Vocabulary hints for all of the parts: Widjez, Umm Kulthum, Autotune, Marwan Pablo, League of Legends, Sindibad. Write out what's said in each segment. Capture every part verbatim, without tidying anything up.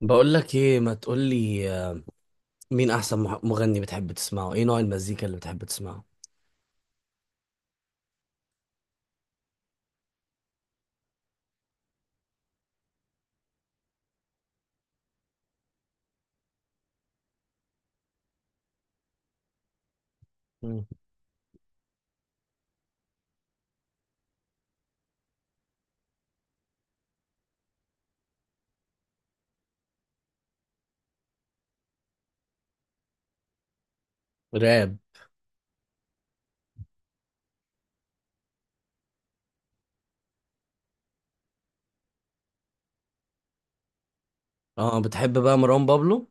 بقول لك ايه، ما تقول لي مين احسن مح- مغني بتحب تسمعه؟ ايه نوع المزيكا اللي بتحب تسمعه؟ مم. راب. اه، بتحب بقى مروان بابلو؟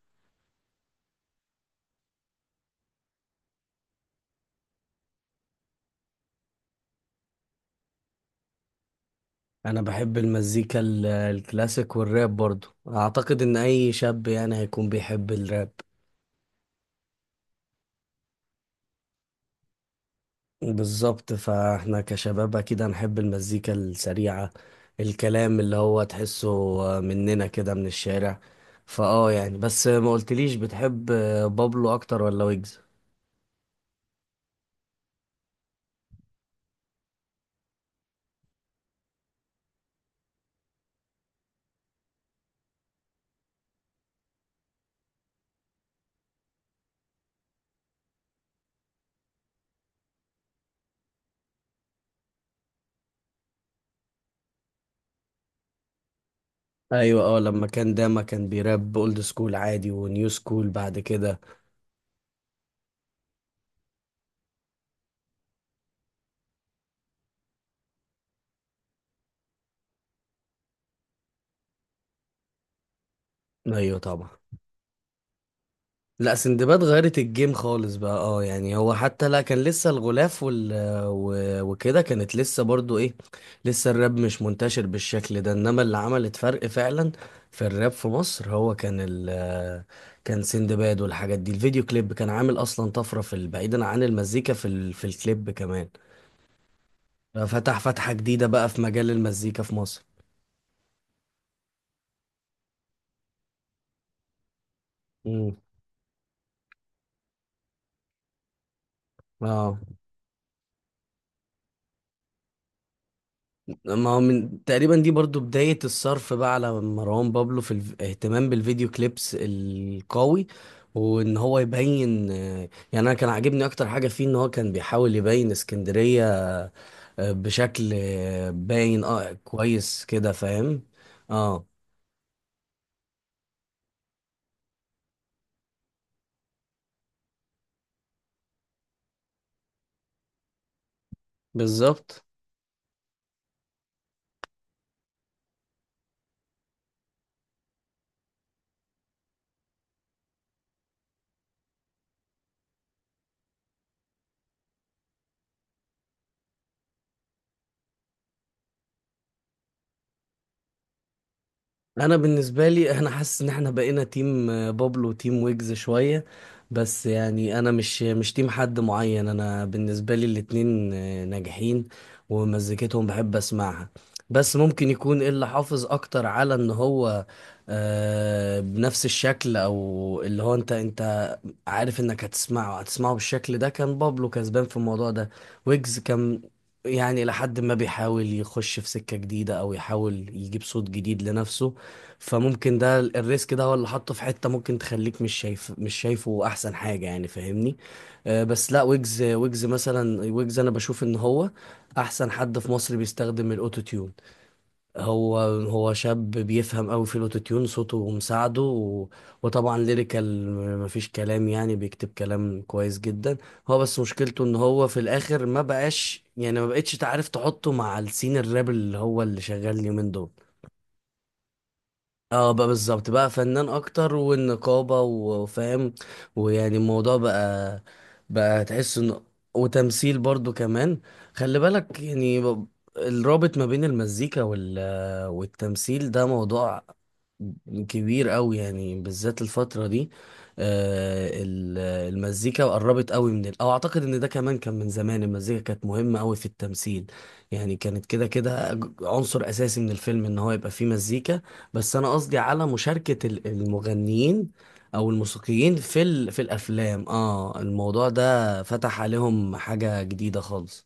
انا بحب المزيكا ال- الكلاسيك والراب برضو. اعتقد ان اي شاب يعني هيكون بيحب الراب. بالظبط، فاحنا كشباب اكيد هنحب المزيكا السريعة، الكلام اللي هو تحسه مننا كده من الشارع. فاه، يعني بس ما قلتليش بتحب بابلو اكتر ولا ويجز؟ ايوه، اه، لما كان داما كان بيراب اولد سكول عادي ونيو سكول بعد كده. ايوه طبعا. لا، سندباد غيرت الجيم خالص بقى. اه، يعني هو حتى لا كان لسه الغلاف وال و- وكده، كانت لسه برضو ايه، لسه الراب مش منتشر بالشكل ده. انما اللي عملت فرق فعلا في الراب في مصر هو كان ال كان سندباد، والحاجات دي الفيديو كليب كان عامل اصلا طفرة في ال- بعيدا عن المزيكا في ال... في الكليب كمان. فتح فتحة جديدة بقى في مجال المزيكا في مصر. امم. اه، ما هو من تقريبا دي برضو بداية الصرف بقى على مروان بابلو في الاهتمام بالفيديو كليبس القوي، وان هو يبين. آه، يعني انا كان عاجبني اكتر حاجة فيه ان هو كان بيحاول يبين اسكندرية، آه، بشكل آه، باين اه كويس كده، فاهم. اه، بالظبط. انا بالنسبه لي انا حاسس ان احنا بقينا تيم آه، بابلو وتيم ويجز شويه. بس يعني انا مش مش تيم حد معين. انا بالنسبه لي الاتنين آه، ناجحين، ومزيكتهم بحب اسمعها. بس ممكن يكون إيه اللي حافظ اكتر على ان هو آه، بنفس الشكل، او اللي هو انت انت عارف انك هتسمعه هتسمعه بالشكل ده. كان بابلو كسبان في الموضوع ده. ويجز كان يعني لحد ما بيحاول يخش في سكة جديدة، او يحاول يجيب صوت جديد لنفسه. فممكن ده ال- الريسك ده هو اللي حطه في حتة ممكن تخليك مش شايف مش شايفه احسن حاجة يعني، فاهمني؟ آه، بس لا، ويجز ويجز مثلا، ويجز انا بشوف ان هو احسن حد في مصر بيستخدم الاوتو تيون. هو هو شاب بيفهم قوي في الاوتوتيون، صوته مساعده و... وطبعا ليريكال مفيش كلام، يعني بيكتب كلام كويس جدا. هو بس مشكلته ان هو في الاخر ما بقاش، يعني ما بقتش تعرف تحطه مع السين الراب اللي هو اللي شغال اليومين دول. اه، بقى بالظبط، بقى فنان اكتر والنقابة و- وفاهم. ويعني الموضوع بقى، بقى تحس انه وتمثيل برضو كمان. خلي بالك يعني ب- الرابط ما بين المزيكا وال والتمثيل ده موضوع كبير قوي يعني، بالذات الفترة دي. آه، ال- المزيكا قربت قوي من ال... او اعتقد ان ده كمان كان من زمان المزيكا كانت مهمة قوي في التمثيل. يعني كانت كده كده عنصر اساسي من الفيلم ان هو يبقى فيه مزيكا. بس انا قصدي على مشاركة ال- المغنيين او الموسيقيين في ال... في الافلام. اه، الموضوع ده فتح عليهم حاجة جديدة خالص.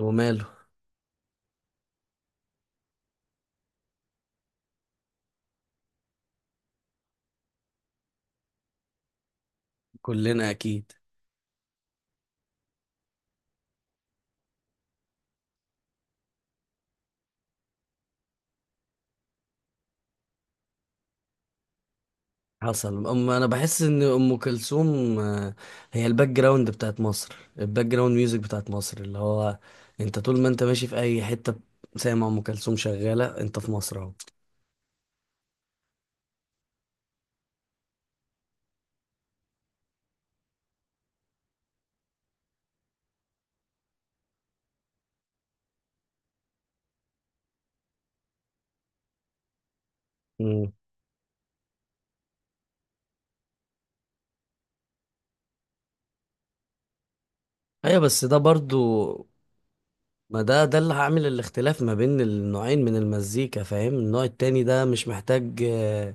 وماله. كلنا اكيد. حصل. أم، انا بحس ان ام كلثوم آه، هي الباك جراوند بتاعت مصر، الباك جراوند ميوزك بتاعت مصر. اللي هو انت طول ما انت ماشي في اي حتة سامع ام كلثوم شغالة، انت في مصر اهو. مم. ايوه، بس ده برضو، ما ده ده اللي هعمل الاختلاف ما بين النوعين من المزيكا. فاهم، النوع التاني ده مش محتاج، آه،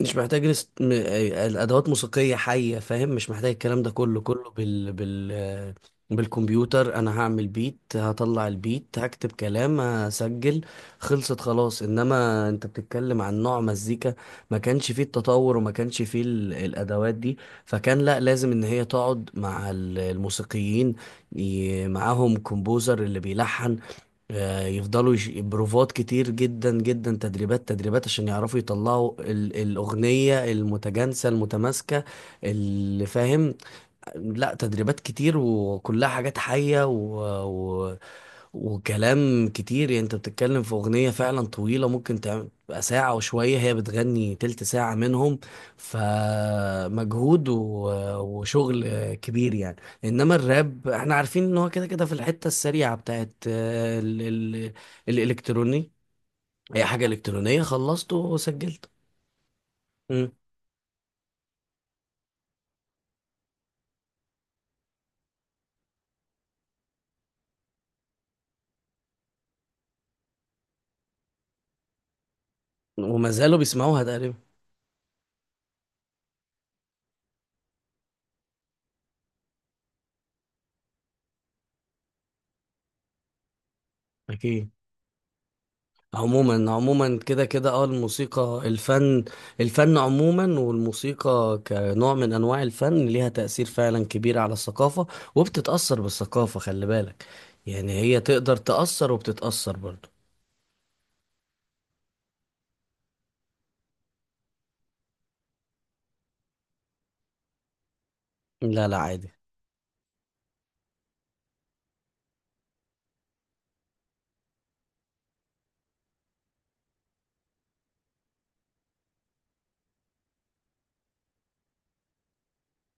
مش محتاج رس- م- آه، الادوات موسيقية حية، فاهم؟ مش محتاج الكلام ده كله. كله بال بال آه، بالكمبيوتر انا هعمل بيت، هطلع البيت، هكتب كلام، هسجل، خلصت، خلاص. انما انت بتتكلم عن نوع مزيكا ما كانش فيه التطور، وما كانش فيه ال- الادوات دي. فكان لا، لازم ان هي تقعد مع ال- الموسيقيين، ي- معاهم كومبوزر اللي بيلحن، آه، يفضلوا يش... بروفات كتير جدا جدا، تدريبات تدريبات عشان يعرفوا يطلعوا ال... الأغنية المتجانسة المتماسكة اللي فاهم. لا، تدريبات كتير، وكلها حاجات حية و... و... وكلام كتير. يعني انت بتتكلم في اغنية فعلا طويلة ممكن تعمل تبقى ساعة وشوية، هي بتغني تلت ساعة منهم. فمجهود و... وشغل كبير يعني. انما الراب احنا عارفين ان هو كده كده في الحتة السريعة بتاعت ال... ال... الالكتروني. هي حاجة الكترونية خلصت وسجلت. مم. وما زالوا بيسمعوها تقريبا. اكيد. عموما عموما كده كده اه الموسيقى الفن. الفن عموما والموسيقى كنوع من انواع الفن ليها تأثير فعلا كبير على الثقافة، وبتتأثر بالثقافة. خلي بالك يعني، هي تقدر تأثر وبتتأثر برضه. لا لا، عادي.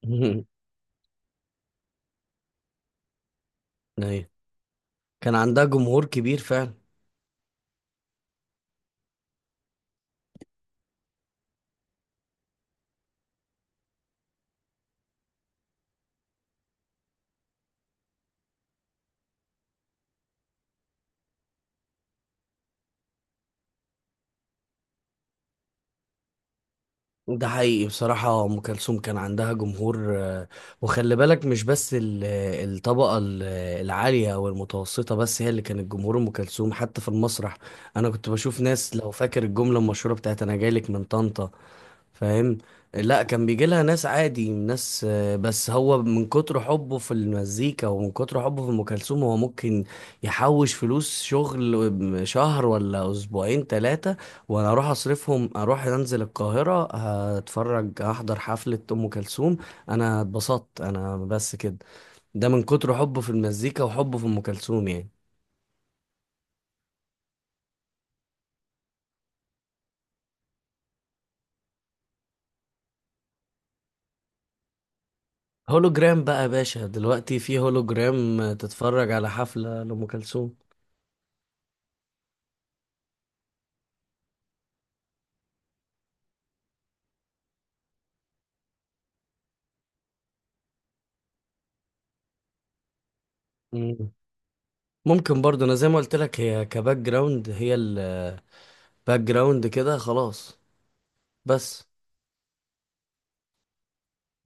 ايوه، كان عندها جمهور كبير فعلا. ده حقيقي، بصراحة أم كلثوم كان عندها جمهور، آه، وخلي بالك مش بس ال- آه، الطبقة ال- آه، العالية والمتوسطة بس هي اللي كانت جمهور أم كلثوم. حتى في المسرح أنا كنت بشوف ناس، لو فاكر الجملة المشهورة بتاعت أنا جايلك من طنطا، فاهم. لا، كان بيجي لها ناس عادي، ناس آه، بس هو من كتر حبه في المزيكا ومن كتر حبه في ام كلثوم هو ممكن يحوش فلوس شغل شهر ولا اسبوعين ثلاثه، وانا اروح اصرفهم، اروح انزل القاهره هتفرج، احضر حفله ام كلثوم، انا اتبسطت انا، بس كده. ده من كتر حبه في المزيكا وحبه في ام كلثوم يعني. هولوجرام بقى يا باشا دلوقتي، في هولوجرام تتفرج على حفله لام كلثوم. ممكن برضه، انا زي ما قلت لك هي كباك جراوند، هي الباك جراوند كده خلاص بس.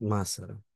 مع السلامة.